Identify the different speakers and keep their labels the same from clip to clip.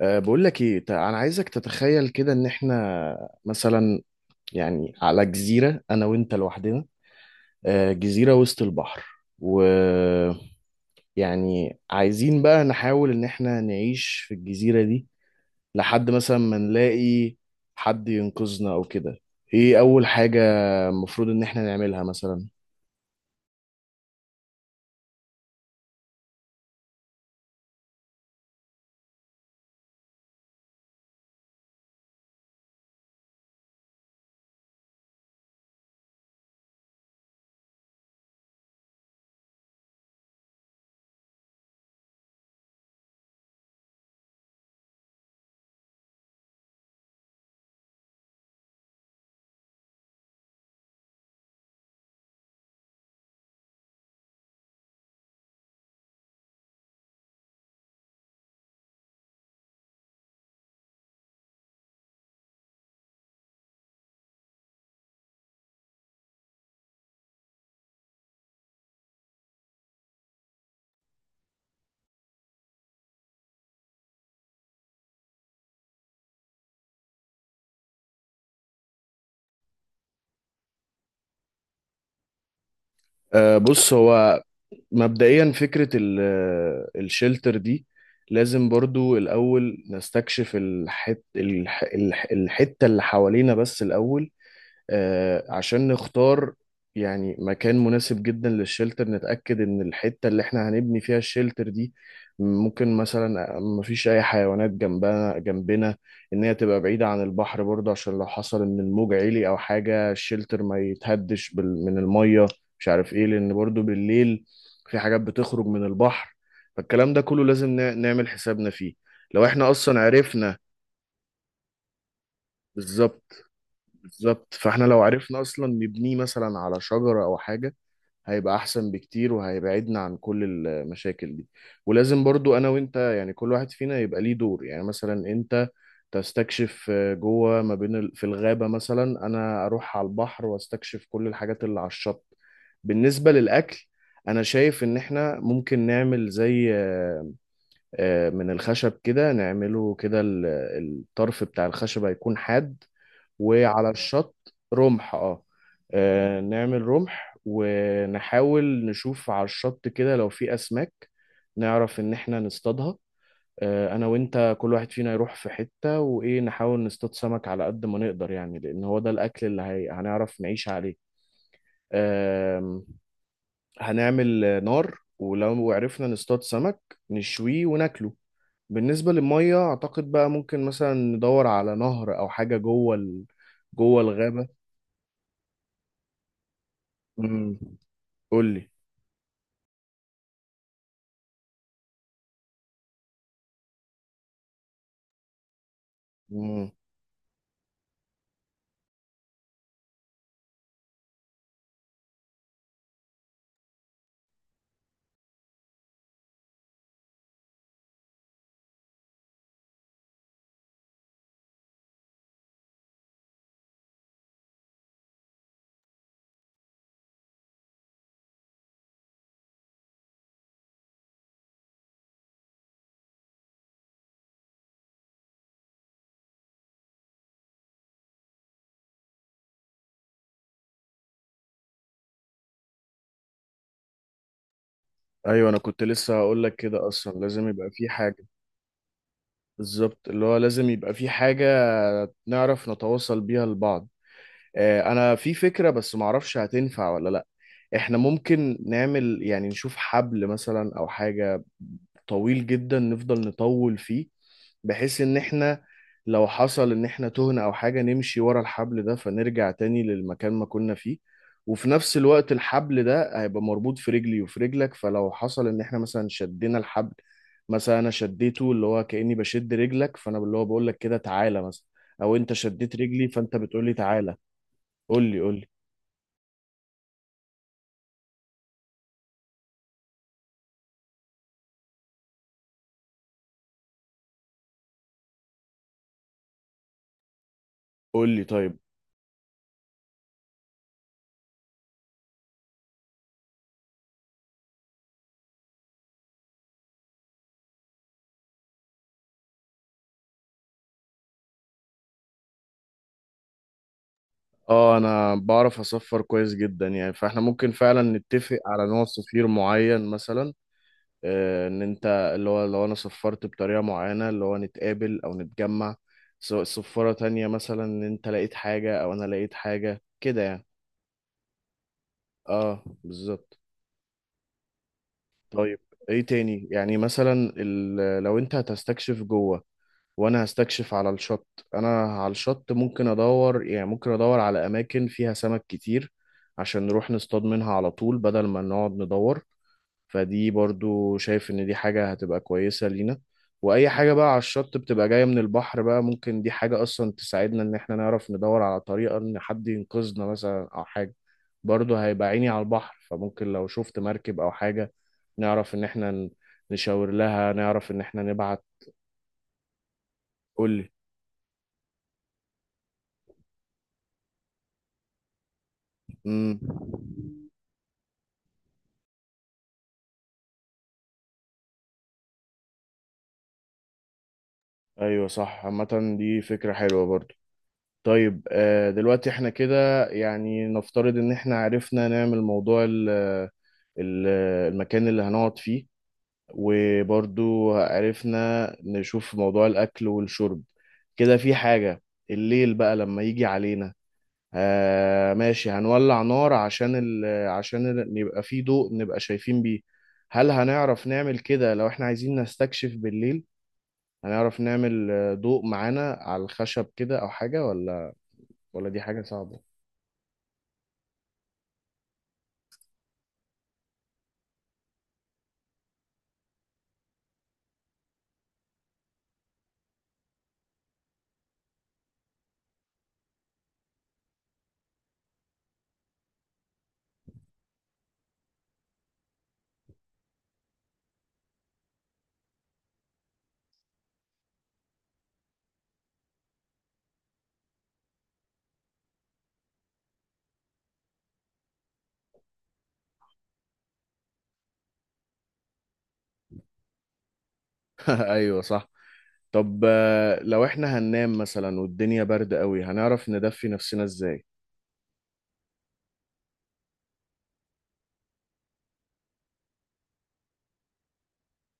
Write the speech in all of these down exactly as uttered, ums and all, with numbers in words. Speaker 1: أه بقول لك ايه، تع- انا عايزك تتخيل كده ان احنا مثلا يعني على جزيرة انا وانت لوحدنا. أه جزيرة وسط البحر. ويعني عايزين بقى نحاول ان احنا نعيش في الجزيرة دي لحد مثلا ما نلاقي حد ينقذنا او كده. ايه اول حاجة المفروض ان احنا نعملها مثلا؟ أه بص، هو مبدئيا فكرة ال- الشلتر دي لازم برضو الأول نستكشف الحت الح الح الحتة اللي حوالينا بس الأول، آه، عشان نختار يعني مكان مناسب جدا للشلتر. نتأكد إن الحتة اللي إحنا هنبني فيها الشلتر دي ممكن مثلا مفيش أي حيوانات جنبنا جنبنا. إن هي تبقى بعيدة عن البحر برضه عشان لو حصل إن الموج عالي أو حاجة الشلتر ما يتهدش بال- من المية. مش عارف إيه لأن برضه بالليل في حاجات بتخرج من البحر، فالكلام ده كله لازم نا- نعمل حسابنا فيه لو إحنا أصلا عرفنا. بالظبط. بالظبط، فاحنا لو عرفنا اصلا نبنيه مثلا على شجرة او حاجة هيبقى احسن بكتير وهيبعدنا عن كل المشاكل دي. ولازم برضو انا وانت يعني كل واحد فينا يبقى ليه دور، يعني مثلا انت تستكشف آه، جوه ما بين ال- في الغابة، مثلا انا اروح على البحر واستكشف كل الحاجات اللي على الشط. بالنسبة للاكل، انا شايف ان احنا ممكن نعمل زي آه، آه، من الخشب كده، نعمله كده ال- الطرف بتاع الخشب هيكون حاد، وعلى الشط رمح. اه. آه، نعمل رمح ونحاول نشوف على الشط كده لو في أسماك نعرف إن إحنا نصطادها. آه، أنا وإنت كل واحد فينا يروح في حتة وإيه، نحاول نصطاد سمك على قد ما نقدر يعني، لأن هو ده الأكل اللي هي... هنعرف نعيش عليه. آم، هنعمل نار ولو عرفنا نصطاد سمك نشويه وناكله. بالنسبة للمية، أعتقد بقى ممكن مثلا ندور على نهر أو حاجة جوه ال... جوه الغابة. امم. قول لي. امم. ايوه، انا كنت لسه هقول لك كده، اصلا لازم يبقى في حاجه. بالظبط، اللي هو لازم يبقى في حاجه نعرف نتواصل بيها لبعض. آه، انا في فكره بس معرفش هتنفع ولا لا. احنا ممكن نعمل يعني نشوف حبل مثلا او حاجه طويل جدا نفضل نطول فيه، بحيث ان احنا لو حصل ان احنا تهنا او حاجة نمشي ورا الحبل ده فنرجع تاني للمكان ما كنا فيه. وفي نفس الوقت الحبل ده هيبقى مربوط في رجلي وفي رجلك، فلو حصل ان احنا مثلا شدينا الحبل، مثلا انا شديته اللي هو كأني بشد رجلك فانا اللي هو بقول لك كده تعالى مثلا، او انت شديت رجلي فانت بتقول لي تعالى. قول لي قول لي. قول لي طيب. اه، انا بعرف اصفر كويس جدا يعني، فاحنا ممكن فعلا نتفق على نوع صفير معين مثلا. آه، ان انت اللي هو لو انا صفرت بطريقة معينة اللي هو نتقابل او نتجمع، سواء صفارة تانية مثلا ان انت لقيت حاجة او انا لقيت حاجة كده يعني. اه بالظبط. طيب. ايه تاني يعني، مثلا ال- لو انت هتستكشف جوه وانا هستكشف على الشط. انا على الشط ممكن ادور، يعني ممكن ادور على اماكن فيها سمك كتير عشان نروح نصطاد منها على طول بدل ما نقعد ندور، فدي برضو شايف ان دي حاجة هتبقى كويسة لينا. واي حاجة بقى على الشط بتبقى جاية من البحر بقى، ممكن دي حاجة اصلا تساعدنا ان احنا نعرف ندور على طريقة ان حد ينقذنا مثلا او حاجة. برضو هيبقى عيني على البحر، فممكن لو شفت مركب او حاجة نعرف ان احنا ن- نشاور لها، نعرف ان احنا نبعت. قولي. امم. ايوه صح، عامة دي فكرة حلوة برضو. طيب، آه، دلوقتي احنا كده يعني نفترض ان احنا عرفنا نعمل موضوع ال- ال- المكان اللي هنقعد فيه، وبرضو عرفنا نشوف موضوع الاكل والشرب. كده في حاجة، الليل بقى لما يجي علينا. آه ماشي، هنولع نار عشان ال عشان ال يبقى في ضوء نبقى شايفين بيه. هل هنعرف نعمل كده لو احنا عايزين نستكشف بالليل؟ هنعرف نعمل آه، ضوء معانا على الخشب كده او حاجة، ولا ولا دي حاجة صعبة؟ ايوه صح. طب، آه، لو احنا هننام مثلا والدنيا برد قوي هنعرف ندفي نفسنا ازاي؟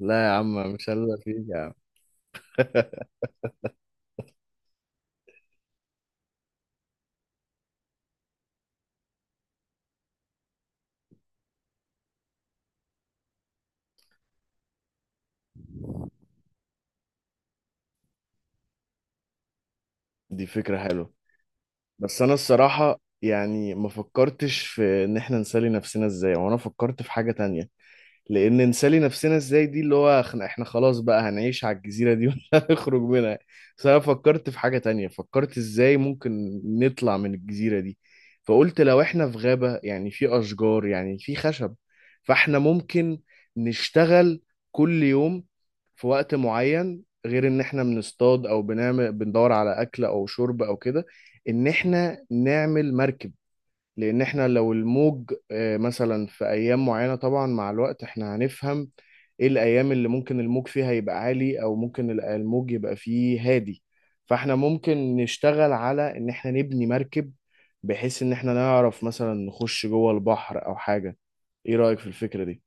Speaker 1: لا يا عم، مش هلا فيك يا عم. دي فكرة حلوة. بس انا الصراحة يعني ما فكرتش في ان احنا نسلي نفسنا ازاي، وانا فكرت في حاجة تانية. لان نسالي نفسنا ازاي دي اللي هو احنا احنا خلاص بقى هنعيش على الجزيره دي ولا هنخرج منها. بس انا فكرت في حاجه تانية، فكرت ازاي ممكن نطلع من الجزيره دي. فقلت لو احنا في غابه يعني في اشجار يعني في خشب، فاحنا ممكن نشتغل كل يوم في وقت معين، غير ان احنا بنصطاد او بنعمل بندور على اكل او شرب او كده، ان احنا نعمل مركب. لان احنا لو الموج آه، مثلا في ايام معينه، طبعا مع الوقت احنا هنفهم ايه الايام اللي ممكن الموج فيها يبقى عالي او ممكن ال- الموج يبقى فيه هادي. فاحنا ممكن نشتغل على ان احنا نبني مركب، بحيث ان احنا نعرف مثلا نخش جوه البحر او حاجه. ايه رايك في الفكره دي؟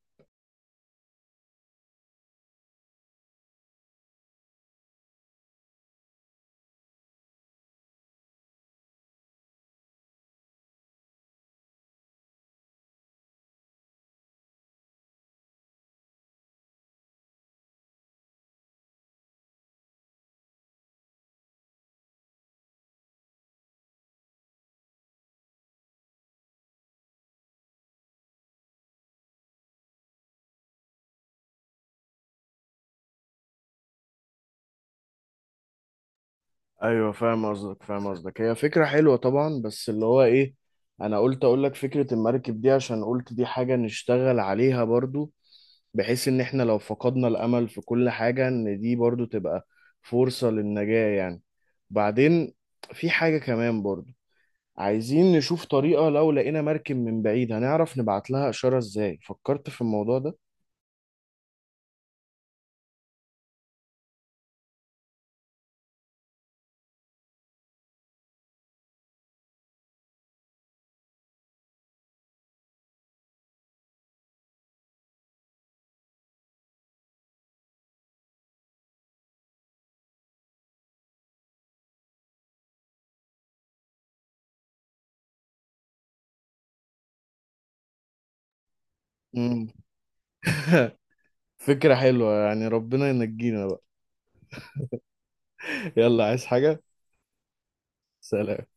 Speaker 1: ايوه فاهم قصدك، فاهم قصدك. هي فكره حلوه طبعا، بس اللي هو ايه، انا قلت اقول لك فكره المركب دي عشان قلت دي حاجه نشتغل عليها برضو، بحيث ان احنا لو فقدنا الامل في كل حاجه ان دي برضو تبقى فرصه للنجاه يعني. بعدين في حاجه كمان برضو، عايزين نشوف طريقه لو لقينا مركب من بعيد هنعرف نبعت لها اشاره ازاي، فكرت في الموضوع ده؟ مم. فكره حلوه يعني، ربنا ينجينا بقى. يلا، عايز حاجه؟ سلام.